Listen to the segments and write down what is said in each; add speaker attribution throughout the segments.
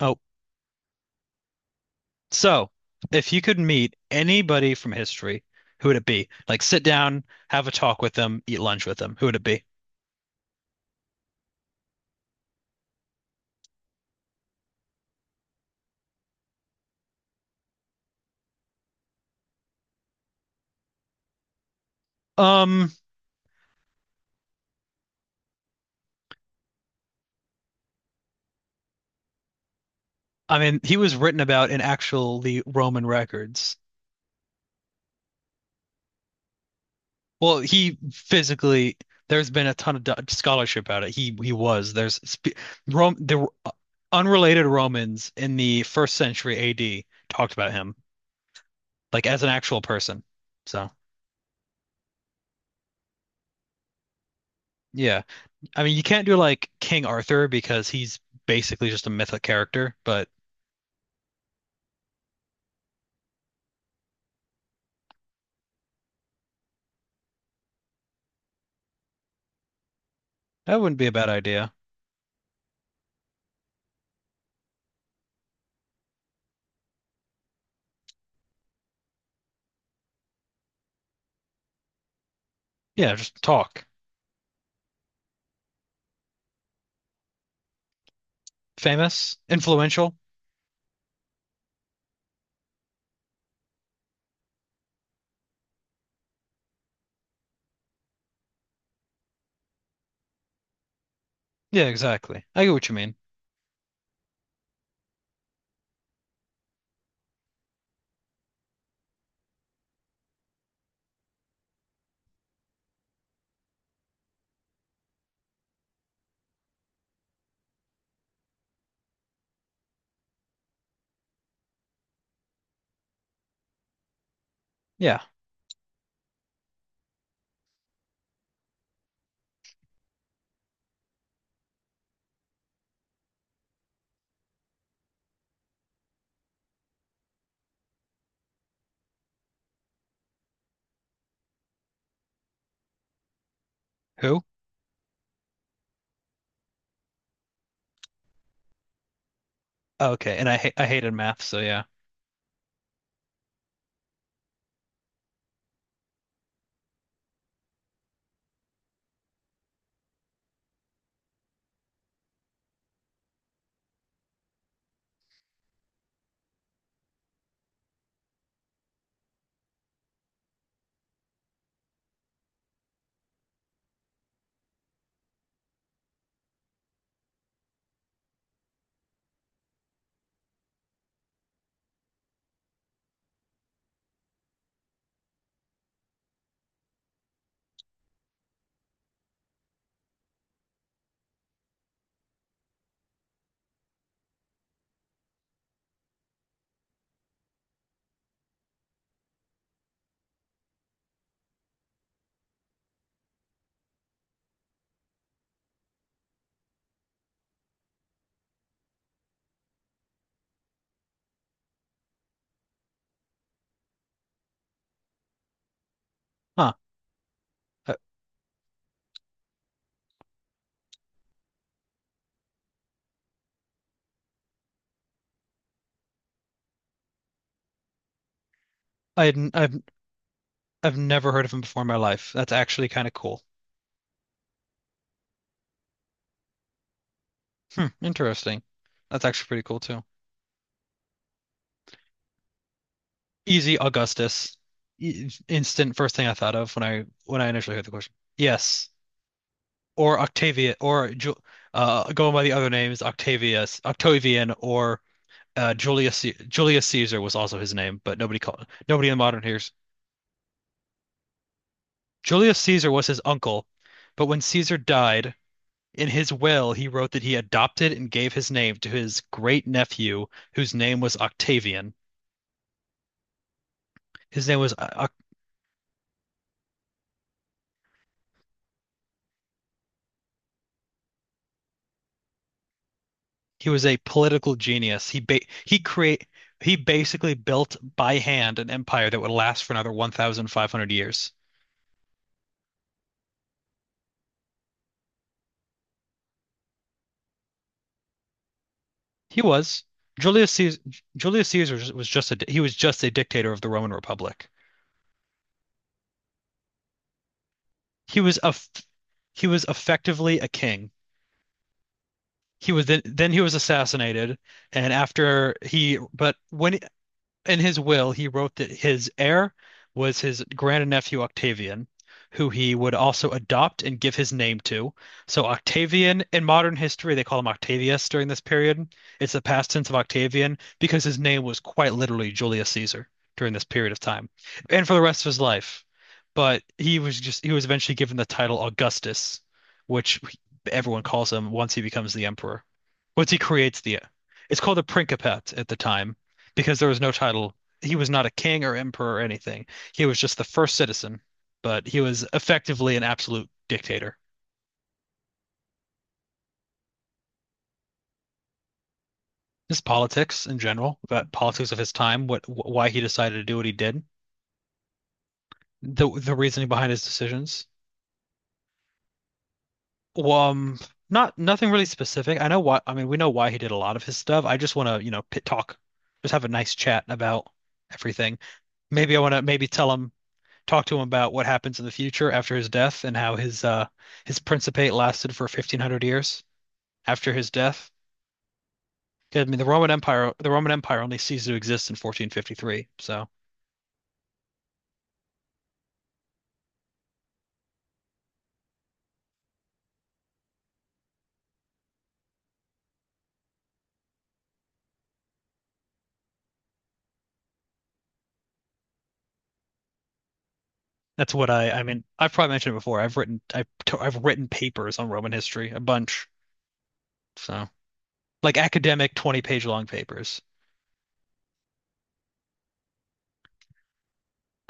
Speaker 1: Oh, so if you could meet anybody from history, who would it be? Like sit down, have a talk with them, eat lunch with them. Who would it be? Um, I mean, he was written about in actually Roman records. Well, he physically there's been a ton of scholarship about it. He was there's sp Rome the unrelated Romans in the first century AD talked about him like as an actual person. So, yeah. I mean, you can't do like King Arthur because he's basically just a mythic character, but that wouldn't be a bad idea. Yeah, just talk. Famous, influential. Yeah, exactly. I get what you mean. Yeah. Who? Okay, and I hated math, so yeah. Huh. I, I hadn't, I've never heard of him before in my life. That's actually kind of cool. Hmm, interesting. That's actually pretty cool too. Easy Augustus. Instant first thing I thought of when I initially heard the question. Yes. or Octavia or Ju Going by the other names, Octavius, Octavian, or Julius Caesar was also his name, but nobody in modern hears. Julius Caesar was his uncle, but when Caesar died, in his will he wrote that he adopted and gave his name to his great nephew, whose name was Octavian. His name was he was a political genius. He ba he create He basically built by hand an empire that would last for another 1,500 years. He was. Julius Caesar, Julius Caesar was just a dictator of the Roman Republic. He was a he was effectively a king. He was then he was assassinated, and after he but when in his will, he wrote that his heir was his grandnephew Octavian, who he would also adopt and give his name to. So Octavian in modern history, they call him Octavius during this period. It's the past tense of Octavian because his name was quite literally Julius Caesar during this period of time and for the rest of his life. But he was eventually given the title Augustus, which everyone calls him once he becomes the emperor. Once he creates the It's called the Principate at the time because there was no title. He was not a king or emperor or anything. He was just the first citizen, but he was effectively an absolute dictator. His politics in general, about politics of his time, what why he decided to do what he did, the reasoning behind his decisions. Well, not nothing really specific. I know why. I mean, we know why he did a lot of his stuff. I just want to, you know, pit talk, just have a nice chat about everything. Maybe I want to maybe tell him Talk to him about what happens in the future after his death and how his principate lasted for 1,500 years after his death. I mean, the Roman Empire only ceased to exist in 1453. So that's I mean, I've probably mentioned it before. I've written papers on Roman history, a bunch. So like academic 20-page long papers.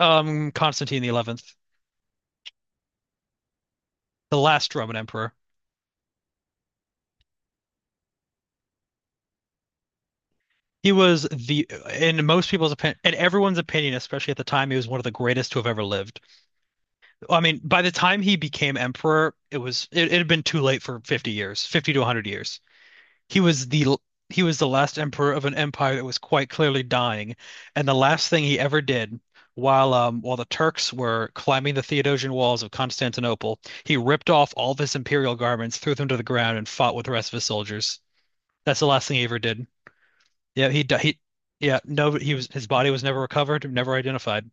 Speaker 1: Constantine the 11th, the last Roman emperor. He was the, in most people's opinion, in everyone's opinion, especially at the time, he was one of the greatest to have ever lived. I mean, by the time he became emperor, it had been too late for 50 years, 50 to 100 years. He was the he was the last emperor of an empire that was quite clearly dying, and the last thing he ever did while the Turks were climbing the Theodosian walls of Constantinople, he ripped off all of his imperial garments, threw them to the ground, and fought with the rest of his soldiers. That's the last thing he ever did. Yeah, he di- he yeah, no he was his body was never recovered, never identified.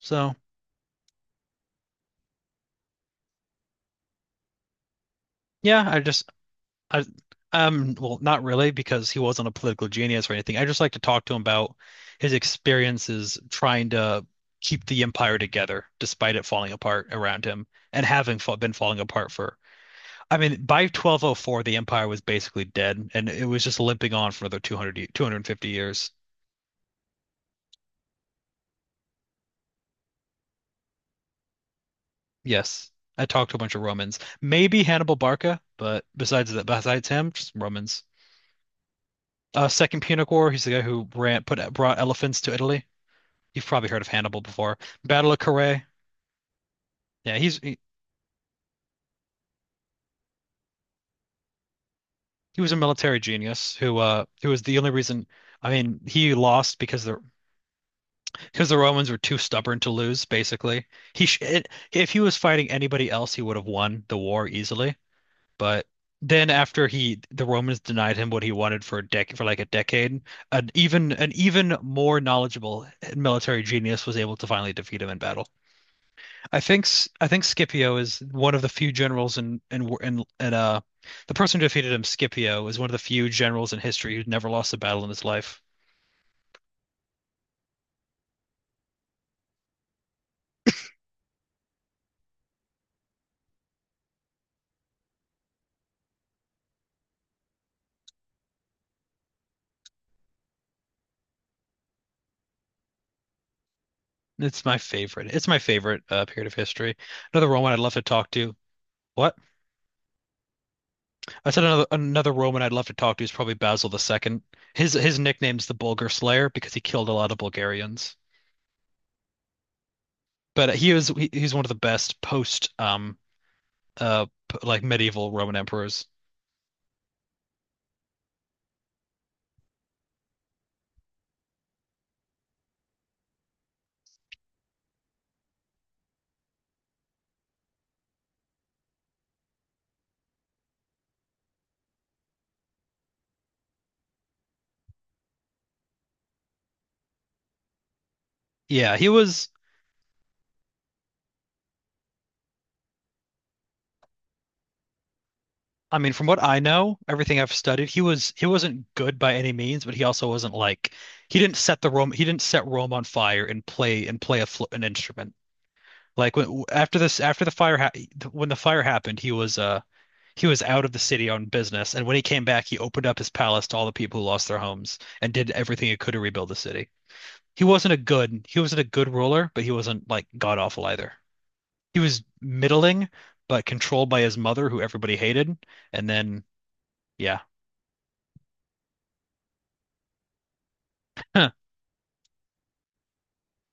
Speaker 1: So, yeah, I, well, not really, because he wasn't a political genius or anything. I just like to talk to him about his experiences trying to keep the empire together despite it falling apart around him and having fa been falling apart for, I mean, by 1204, the empire was basically dead and it was just limping on for another 250 years. Yes, I talked to a bunch of Romans, maybe Hannibal Barca, but besides that, besides him, just Romans. Second Punic War, he's the guy who brought elephants to Italy. You've probably heard of Hannibal before. Battle of Carrhae. Yeah, he's he, he was a military genius who was the only reason. I mean, he lost because the Romans were too stubborn to lose. Basically, if he was fighting anybody else, he would have won the war easily. But then after he the Romans denied him what he wanted for a dec for like a decade, an even more knowledgeable military genius was able to finally defeat him in battle. I think Scipio is one of the few generals in the person who defeated him, Scipio, is one of the few generals in history who's never lost a battle in his life. It's my favorite. It's my favorite period of history. Another Roman I'd love to talk to. What? I said another Roman I'd love to talk to is probably Basil the Second. His nickname's the Bulgar Slayer because he killed a lot of Bulgarians. But he's one of the best post like medieval Roman emperors. Yeah, he was. I mean, from what I know, everything I've studied, he wasn't good by any means, but he also wasn't like he didn't set the Rome he didn't set Rome on fire and play a fl an instrument. Like when after this after the fire ha when the fire happened, he was out of the city on business, and when he came back, he opened up his palace to all the people who lost their homes and did everything he could to rebuild the city. He wasn't a good ruler, but he wasn't like god awful either. He was middling, but controlled by his mother, who everybody hated, and then yeah.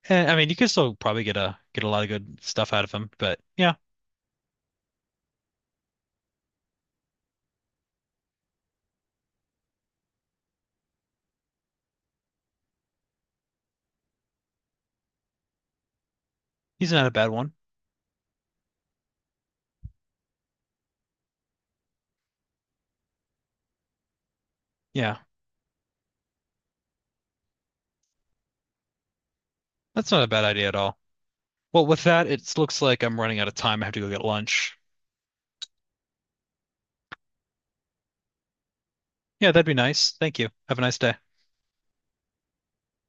Speaker 1: And, I mean, you could still probably get a lot of good stuff out of him, but yeah, he's not a bad one. Yeah, that's not a bad idea at all. Well, with that, it looks like I'm running out of time. I have to go get lunch. Yeah, that'd be nice. Thank you. Have a nice day.